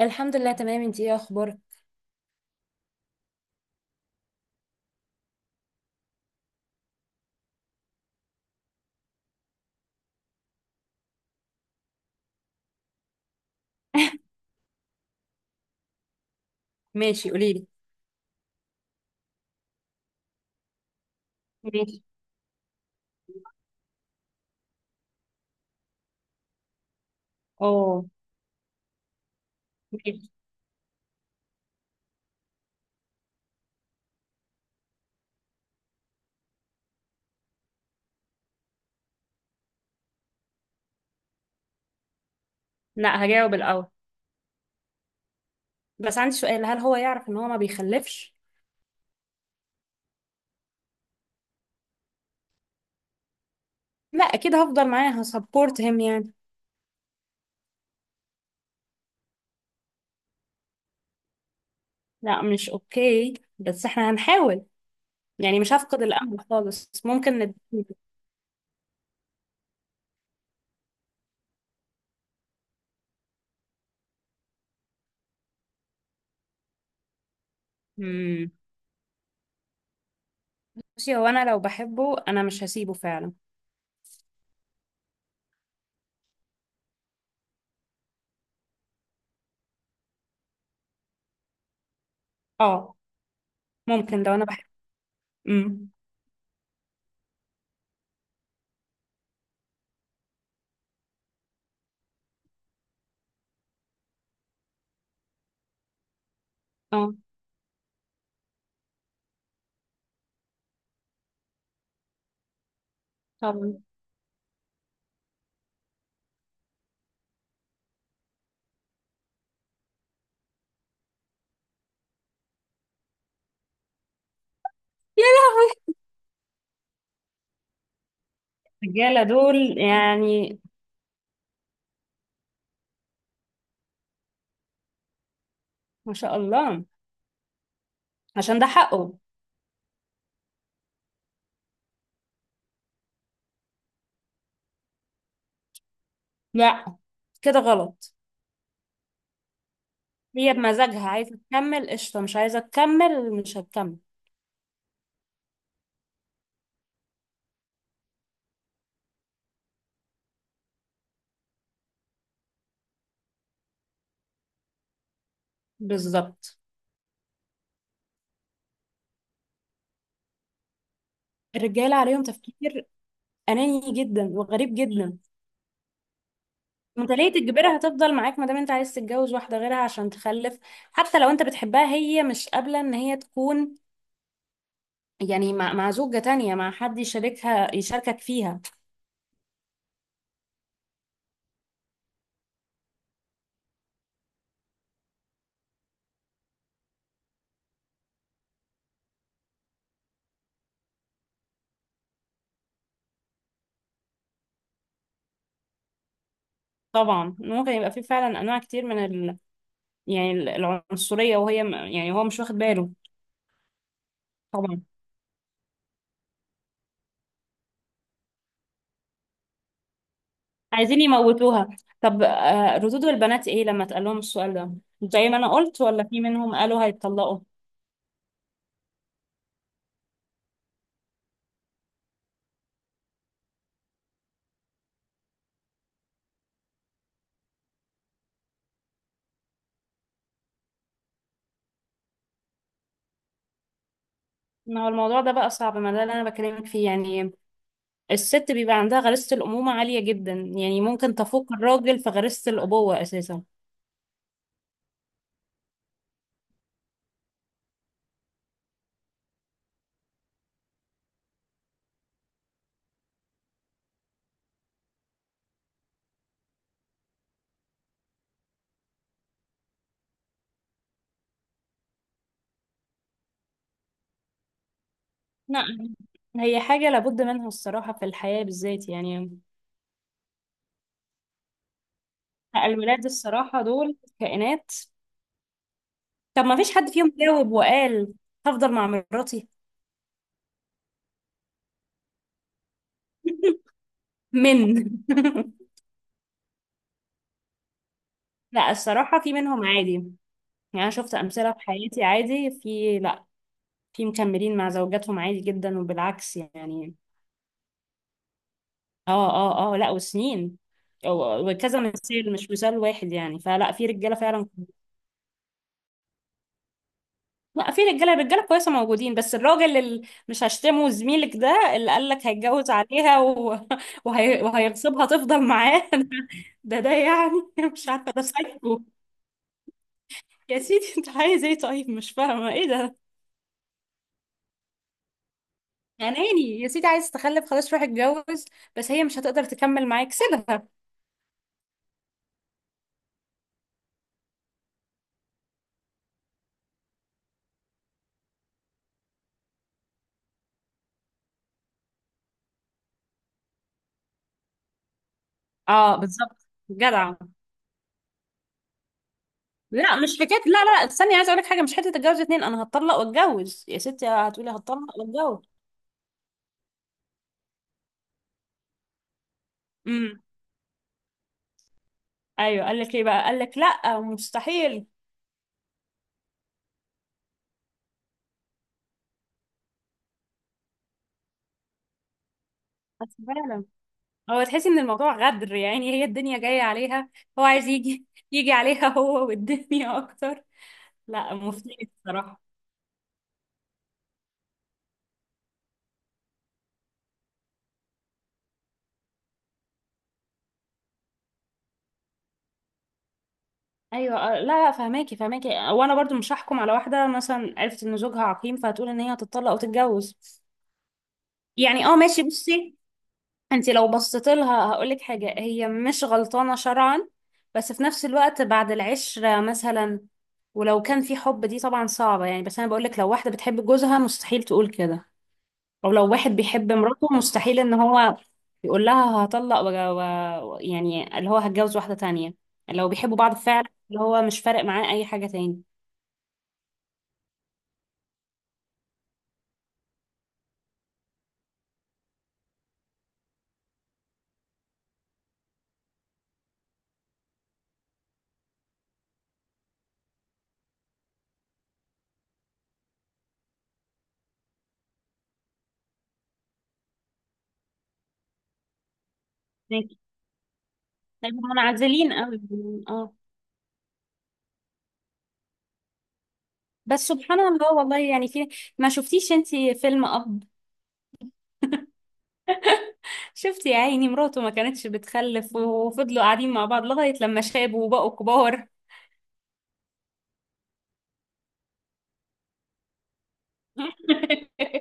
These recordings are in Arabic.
الحمد لله تمام، انتي ايه اخبارك؟ ماشي قولي لي. ماشي. اه ماشي. لا هجاوب الاول، بس عندي سؤال، هل هو يعرف ان هو ما بيخلفش؟ لا اكيد هفضل معاه، هسبورت هيم يعني. لا مش اوكي بس احنا هنحاول، يعني مش هفقد الامل خالص، ممكن نديله. امم، بصي هو انا لو بحبه انا مش هسيبه فعلا. اه ممكن لو انا بحبه. امم. اه طبعا. يا لهوي الرجاله دول يعني. ما شاء الله. عشان ده حقه. لا كده غلط. هي بمزاجها عايزة تكمل قشطة، مش عايزة تكمل مش هتكمل. بالظبط. الرجالة عليهم تفكير أناني جدا وغريب جدا. انت ليه تجبرها تفضل معاك ما دام انت عايز تتجوز واحدة غيرها عشان تخلف؟ حتى لو انت بتحبها، هي مش قابلة ان هي تكون، يعني مع زوجة تانية، مع حد يشاركها يشاركك فيها. طبعا ممكن يبقى في فعلا انواع كتير من ال... يعني العنصرية، وهي م- يعني هو مش واخد باله. طبعا عايزين يموتوها. طب آه، ردود البنات ايه لما اتقال لهم السؤال ده؟ زي ما انا قلت ولا في منهم قالوا هيتطلقوا؟ ما هو الموضوع ده بقى صعب، ما ده اللي انا بكلمك فيه يعني. الست بيبقى عندها غريزة الأمومة عالية جدا، يعني ممكن تفوق الراجل في غريزة الأبوة أساسا. لا هي حاجة لابد منها الصراحة في الحياة بالذات يعني. لا، الولاد الصراحة دول كائنات. طب ما فيش حد فيهم جاوب وقال هفضل مع مراتي؟ من لا الصراحة في منهم عادي، يعني انا شفت امثله في حياتي عادي، في، لا في مكملين مع زوجاتهم عادي جدا وبالعكس يعني. اه اه اه لا وسنين. أو- وكذا مثال مش مثال واحد يعني، فلا في رجاله فعلا. لا في رجاله رجاله كويسه موجودين، بس الراجل اللي مش هشتمه، زميلك ده اللي قال لك هيتجوز عليها و... وهي... وهيغصبها تفضل معاه ده ده يعني مش عارفه ده سايكو. يا سيدي انت عايز ايه؟ طيب مش فاهمه ايه ده. اناني يا سيدي، عايز تخلف خلاص روح اتجوز، بس هي مش هتقدر تكمل معاك سيبها. اه بالظبط جدع. لا مش حكايه لا، استني عايزه اقول لك حاجه، مش حته اتجوز اتنين، انا هتطلق واتجوز، يا ستي هتقولي هتطلق واتجوز. امم. ايوه قال لك ايه بقى، قال لك لا مستحيل؟ بس فعلا هو تحسي ان الموضوع غدر، يعني هي الدنيا جايه عليها، هو عايز يجي يجي عليها هو والدنيا اكتر. لا مفتري الصراحه. ايوه آه، لا لا فهماكي فهماكي، وانا برضو مش هحكم على واحده مثلا عرفت ان زوجها عقيم فهتقول ان هي هتطلق او تتجوز. يعني اه ماشي بصي، انت لو بصيت لها هقول لك حاجه، هي مش غلطانه شرعا، بس في نفس الوقت بعد العشره مثلا، ولو كان في حب دي طبعا صعبه يعني. بس انا بقول لك لو واحده بتحب جوزها مستحيل تقول كده، او لو واحد بيحب مراته مستحيل ان هو يقول لها هطلق و... و... يعني اللي هو هتجوز واحده تانية، لو بيحبوا بعض فعلا، اللي هو مش فارق معاه اي حاجه تاني. ماشي. طيب منعزلين قوي يعني، اه. بس سبحان الله والله يعني في، ما شفتيش انتي فيلم اب؟ شفتي يا عيني مراته ما كانتش بتخلف، وفضلوا قاعدين مع بعض لغاية لما شابوا وبقوا كبار.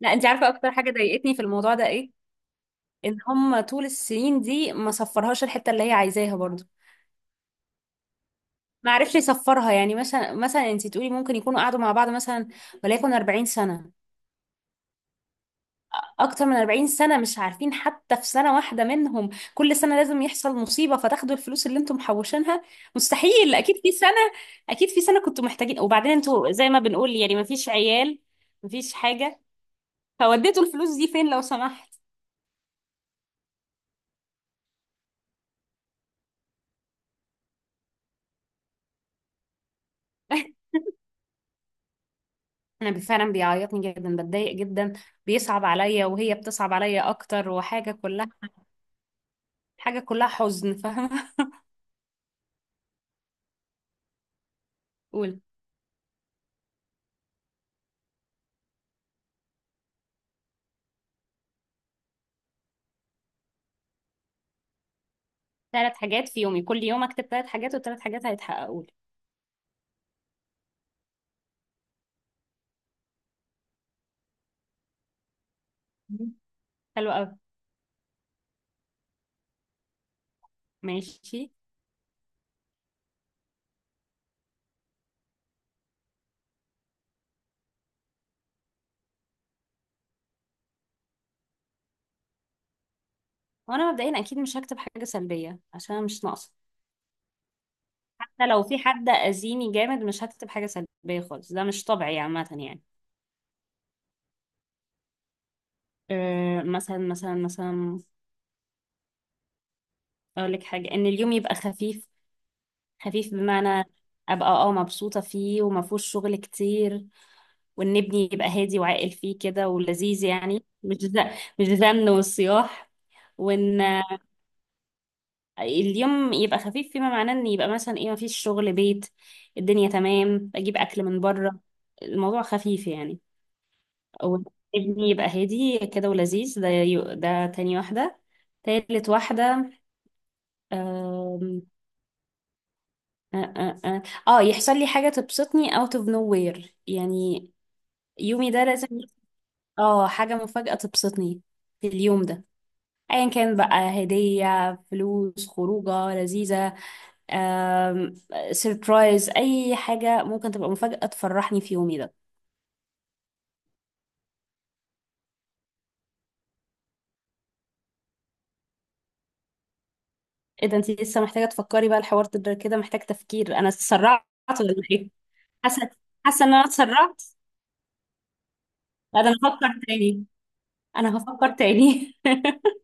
لا انتي عارفة اكتر حاجة ضايقتني في الموضوع ده ايه؟ ان هم طول السنين دي ما صفرهاش الحتة اللي هي عايزاها برضو. ما عرفش يصفرها. يعني مثلا مثلا انتي تقولي ممكن يكونوا قعدوا مع بعض مثلا، وليكن 40 سنة، اكتر من 40 سنة مش عارفين، حتى في سنة واحدة منهم كل سنة لازم يحصل مصيبة فتاخدوا الفلوس اللي انتم محوشينها؟ مستحيل اكيد في سنة، اكيد في سنة كنتوا محتاجين، وبعدين انتوا زي ما بنقول يعني مفيش عيال، مفيش حاجة، فوديتوا الفلوس دي فين لو سمحت؟ انا فعلا بيعيطني جدا، بتضايق جدا، بيصعب عليا وهي بتصعب عليا اكتر، وحاجة كلها، حاجة كلها حزن فاهمة. قول. ثلاث حاجات في يومي كل يوم اكتب ثلاث حاجات والثلاث حاجات هيتحققوا لي؟ حلو قوي. ماشي. وانا مبدئيا اكيد مش هكتب حاجه سلبيه عشان أنا مش ناقصه، حتى لو في حد اذيني جامد مش هكتب حاجه سلبيه خالص، ده مش طبيعي عامه يعني. أه مثلا مثلا مثلا، اقول لك حاجه، ان اليوم يبقى خفيف، خفيف بمعنى ابقى اه مبسوطه فيه وما فيهوش شغل كتير، وان ابني يبقى هادي وعاقل فيه كده ولذيذ، يعني مش ز... مش زن والصياح، وان اليوم يبقى خفيف فيما معناه ان يبقى مثلا ايه مفيش شغل بيت، الدنيا تمام اجيب اكل من بره، الموضوع خفيف يعني. او ابني يبقى هادي كده ولذيذ، ده يو- ده تاني واحدة. تالت واحدة، آم، آه, آه, آه, اه يحصل لي حاجة تبسطني out of nowhere يعني، يومي ده لازم. اه حاجة مفاجأة تبسطني في اليوم ده، ايا كان بقى هدية، فلوس، خروجة لذيذة، آم، سيربرايز، اي حاجه ممكن تبقى مفاجاه تفرحني في يومي ده. ايه ده انت لسه محتاجه تفكري؟ بقى الحوار ده كده محتاج تفكير، انا اتسرعت ولا ايه؟ حاسه، حاسه ان انا اتسرعت. لا ده انا هفكر تاني، انا هفكر تاني.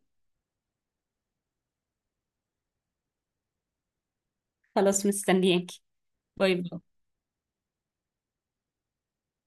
خلاص مستنياكي. باي باي.